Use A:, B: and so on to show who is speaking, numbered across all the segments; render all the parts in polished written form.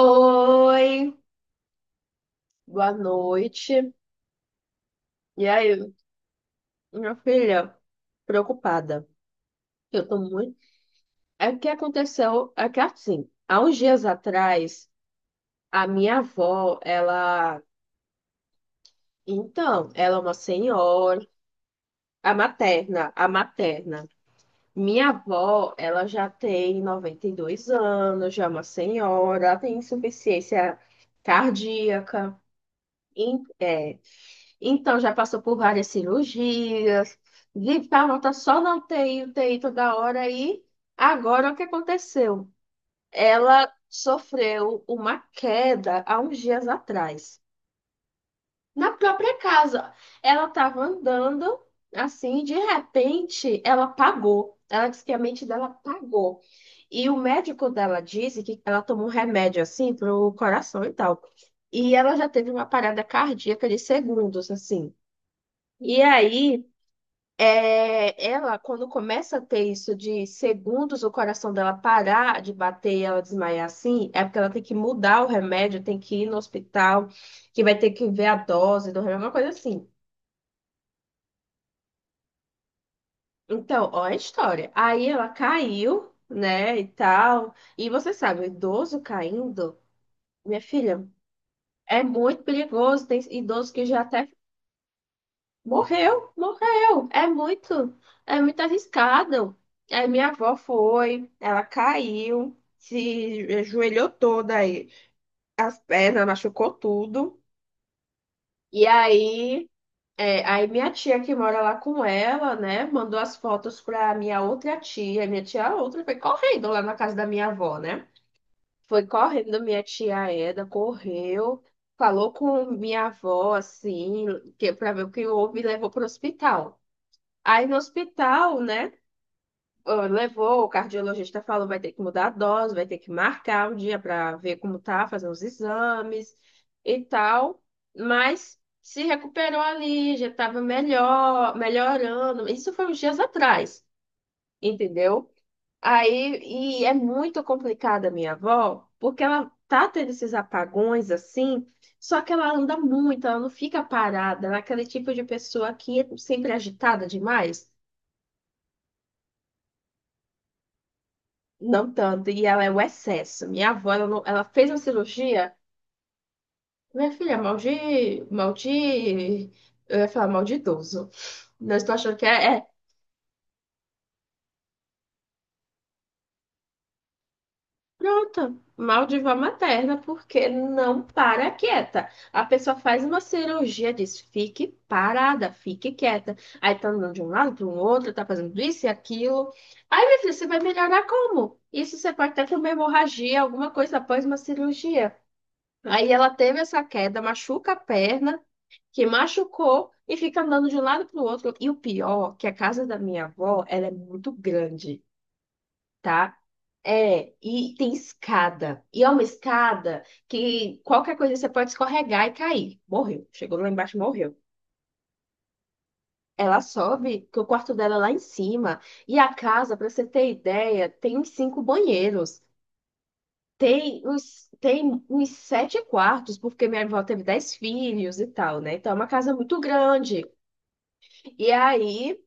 A: Oi, boa noite. E aí, minha filha, preocupada. Eu tô muito. É que aconteceu, é que assim, há uns dias atrás, a minha avó, ela, então, ela é uma senhora, a materna, a materna. Minha avó, ela já tem 92 anos, já é uma senhora, ela tem insuficiência cardíaca. E, Então, já passou por várias cirurgias, de tá só na UTI, UTI toda hora, e agora o que aconteceu? Ela sofreu uma queda há uns dias atrás, na própria casa. Ela estava andando, assim, de repente, ela pagou. Ela disse que a mente dela pagou. E o médico dela disse que ela tomou um remédio, assim, para o coração e tal. E ela já teve uma parada cardíaca de segundos, assim. E aí. É, ela, quando começa a ter isso de segundos o coração dela parar de bater e ela desmaiar assim, é porque ela tem que mudar o remédio, tem que ir no hospital, que vai ter que ver a dose do remédio, uma coisa assim. Então, ó, a história. Aí ela caiu, né, e tal. E você sabe, o idoso caindo, minha filha, é muito perigoso. Tem idoso que já até morreu, morreu. É muito arriscado. Aí minha avó foi, ela caiu, se ajoelhou toda aí, as pernas machucou tudo. E aí, aí minha tia que mora lá com ela, né, mandou as fotos pra minha outra tia. Minha tia outra foi correndo lá na casa da minha avó, né? Foi correndo minha tia Eda, correu, falou com minha avó assim, que para ver o que houve e levou pro hospital. Aí no hospital, né? Ó, levou, o cardiologista falou, vai ter que mudar a dose, vai ter que marcar um dia para ver como tá, fazer os exames e tal. Mas se recuperou ali, já estava melhor, melhorando. Isso foi uns dias atrás, entendeu? Aí, e é muito complicada a minha avó, porque ela tá tendo esses apagões assim, só que ela anda muito, ela não fica parada, ela é aquele tipo de pessoa que é sempre agitada demais. Não tanto, e ela é o excesso. Minha avó, ela, ela fez uma cirurgia, minha filha, mal de, eu ia falar mal de idoso. Não estou achando que é, pronto, mal de vó materna, porque não para quieta. A pessoa faz uma cirurgia, diz, fique parada, fique quieta. Aí tá andando de um lado para o outro, tá fazendo isso e aquilo. Aí, minha filha, você vai melhorar como? Isso você pode até ter uma hemorragia, alguma coisa após uma cirurgia. Aí ela teve essa queda, machuca a perna, que machucou e fica andando de um lado para o outro. E o pior, que a casa da minha avó, ela é muito grande, tá? É, e tem escada. E é uma escada que qualquer coisa você pode escorregar e cair. Morreu. Chegou lá embaixo, morreu. Ela sobe, que o quarto dela é lá em cima. E a casa, para você ter ideia, tem uns cinco banheiros. Tem uns sete quartos, porque minha avó teve dez filhos e tal, né? Então é uma casa muito grande. E aí,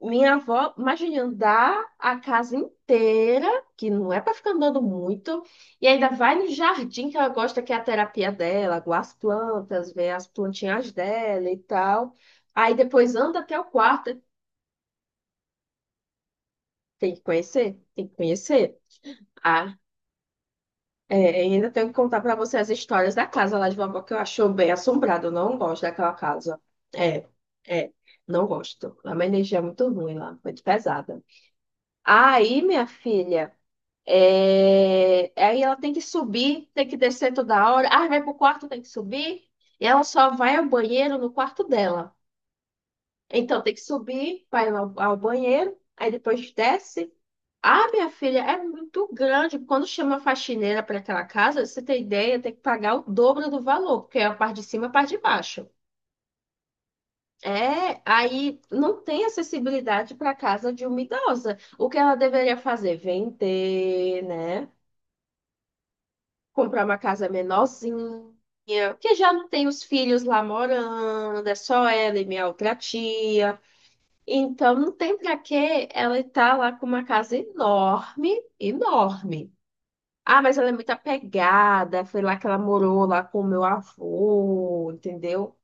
A: minha avó, imagina, andar a casa inteira, que não é para ficar andando muito, e ainda vai no jardim que ela gosta, que é a terapia dela, guarda as plantas, vê as plantinhas dela e tal. Aí depois anda até o quarto, tem que conhecer, tem que conhecer. Ah, É, e ainda tenho que contar para você as histórias da casa lá de vovó que eu acho bem assombrado. Eu não gosto daquela casa. É, é, não gosto. É uma energia muito ruim lá, muito pesada. Aí, minha filha, aí ela tem que subir, tem que descer toda hora. Ah, vai pro quarto, tem que subir. E ela só vai ao banheiro no quarto dela. Então tem que subir, vai ao banheiro, aí depois desce. Ah, minha filha, é muito grande. Quando chama a faxineira para aquela casa, você tem ideia, tem que pagar o dobro do valor, porque é a parte de cima e a parte de baixo. É, aí não tem acessibilidade para a casa de uma idosa. O que ela deveria fazer? Vender, né? Comprar uma casa menorzinha, que já não tem os filhos lá morando, é só ela e minha outra tia. Então não tem para que ela estar lá com uma casa enorme, enorme. Ah, mas ela é muito apegada. Foi lá que ela morou lá com o meu avô, entendeu?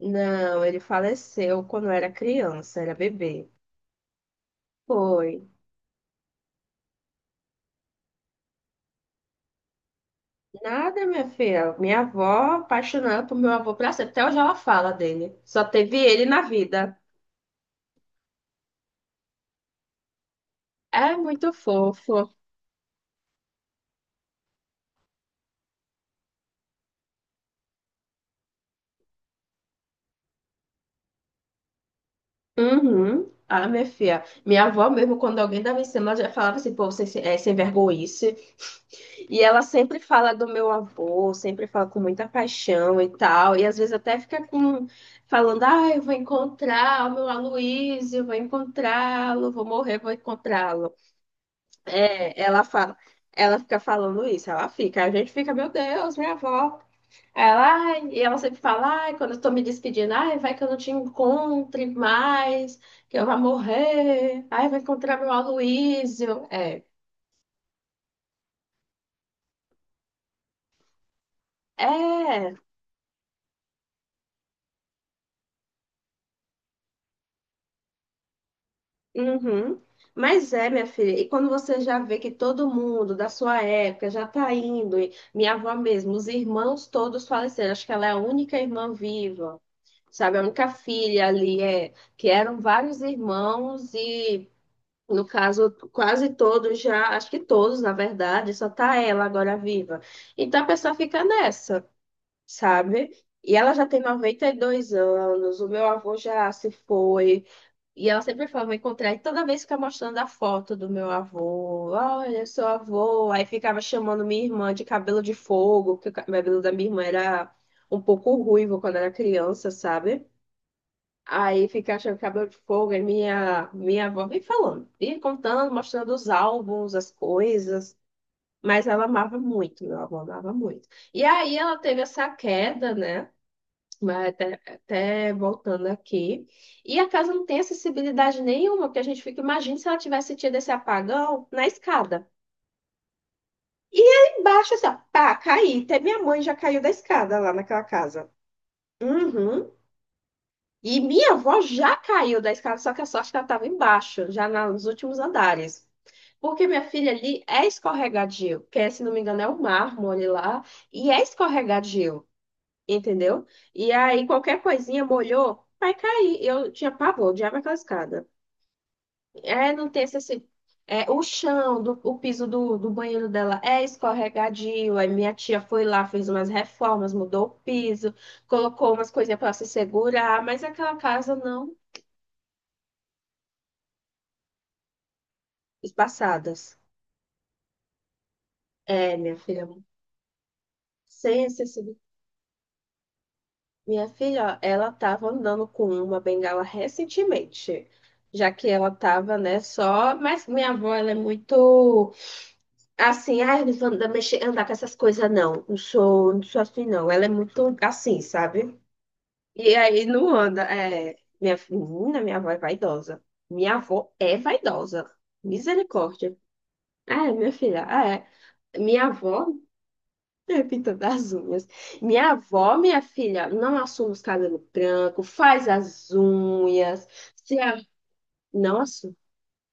A: Não, ele faleceu quando eu era criança, era bebê. Foi. Nada, minha filha. Minha avó apaixonada por meu avô pra sempre. Até hoje ela fala dele. Só teve ele na vida. É muito fofo. Uhum. Ah, minha filha. Minha avó mesmo, quando alguém dava em cima, ela já falava assim, pô, você é sem vergonha. E ela sempre fala do meu avô, sempre fala com muita paixão e tal. E às vezes até fica com, falando: ah, eu vou encontrar o meu Aloysio, vou encontrá-lo, vou morrer, vou encontrá-lo. É, ela fala, ela fica falando isso, ela fica. A gente fica: meu Deus, minha avó. Aí ela, ai, e ela sempre fala: ai, quando eu tô me despedindo, ai, vai que eu não te encontre mais, que eu vou morrer, ai, vou encontrar meu Aloysio. É. É, uhum. Mas é, minha filha, e quando você já vê que todo mundo da sua época já tá indo, e minha avó mesmo, os irmãos todos faleceram, acho que ela é a única irmã viva, sabe? A única filha ali, é, que eram vários irmãos e, no caso, quase todos já, acho que todos, na verdade, só tá ela agora viva. Então a pessoa fica nessa, sabe? E ela já tem 92 anos, o meu avô já se foi. E ela sempre falava encontrar, e toda vez ficava mostrando a foto do meu avô. Olha, seu avô. Aí ficava chamando minha irmã de cabelo de fogo, porque o cabelo da minha irmã era um pouco ruivo quando era criança, sabe? Aí ficava chamando cabelo de fogo, aí minha avó vem falando, e contando, mostrando os álbuns, as coisas. Mas ela amava muito, meu avô amava muito. E aí ela teve essa queda, né? Mas até voltando aqui. E a casa não tem acessibilidade nenhuma, porque a gente fica, imagina se ela tivesse tido esse apagão na escada. E aí embaixo, assim, ó, pá, caí. Até minha mãe já caiu da escada lá naquela casa. Uhum. E minha avó já caiu da escada, só que a sorte é que ela estava embaixo, já nos últimos andares. Porque minha filha ali é escorregadio, que é, se não me engano é o mármore lá, e é escorregadio. Entendeu? E aí qualquer coisinha molhou, vai cair. Eu tinha pavor, odiava aquela escada. É, não tem esse, esse- é, o chão, do, o piso do, do banheiro dela é escorregadio. Aí minha tia foi lá, fez umas reformas, mudou o piso, colocou umas coisinhas para se segurar, mas aquela casa não. Espaçadas. É, minha filha, sem excessivo. Minha filha, ó, ela estava andando com uma bengala recentemente já que ela estava né, só, mas minha avó, ela é muito assim, ah, eu não vou andar, mexer, andar com essas coisas, não. Não sou assim, não. Ela é muito assim, sabe? E aí não anda. É, minha menina, minha avó é vaidosa. Minha avó é vaidosa. Misericórdia. Ah, é, minha filha, ah, é. Minha avó é pintando as unhas. Minha avó, minha filha, não assume os cabelos brancos, faz as unhas. Se a- Não assume.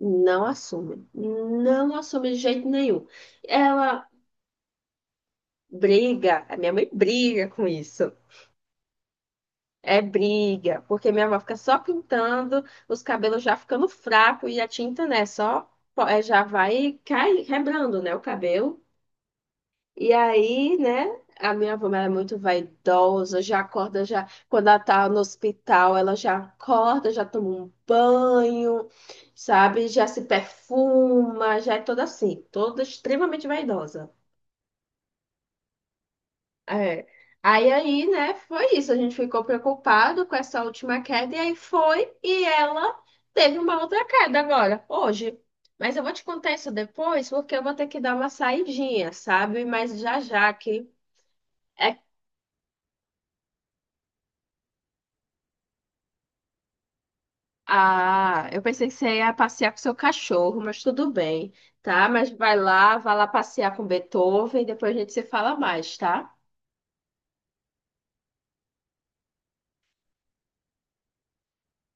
A: Não assume. Não assume de jeito nenhum. Ela briga, a minha mãe briga com isso. É briga, porque minha avó fica só pintando, os cabelos já ficando fraco e a tinta, né, só é, já vai cai, quebrando, né, o cabelo. E aí, né, a minha avó ela é muito vaidosa, já acorda, já quando ela tá no hospital, ela já acorda, já toma um banho, sabe? Já se perfuma, já é toda assim, toda extremamente vaidosa. É. Aí, aí, né, foi isso. A gente ficou preocupado com essa última queda, e aí foi, e ela teve uma outra queda agora, hoje. Mas eu vou te contar isso depois, porque eu vou ter que dar uma saidinha, sabe? Mas já já que é. Ah, eu pensei que você ia passear com seu cachorro, mas tudo bem, tá? Mas vai lá passear com Beethoven, e depois a gente se fala mais, tá?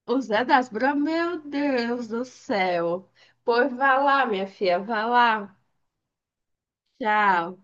A: O Zé das Bra, meu Deus do céu. Pois vai lá, minha filha, vai lá. Tchau.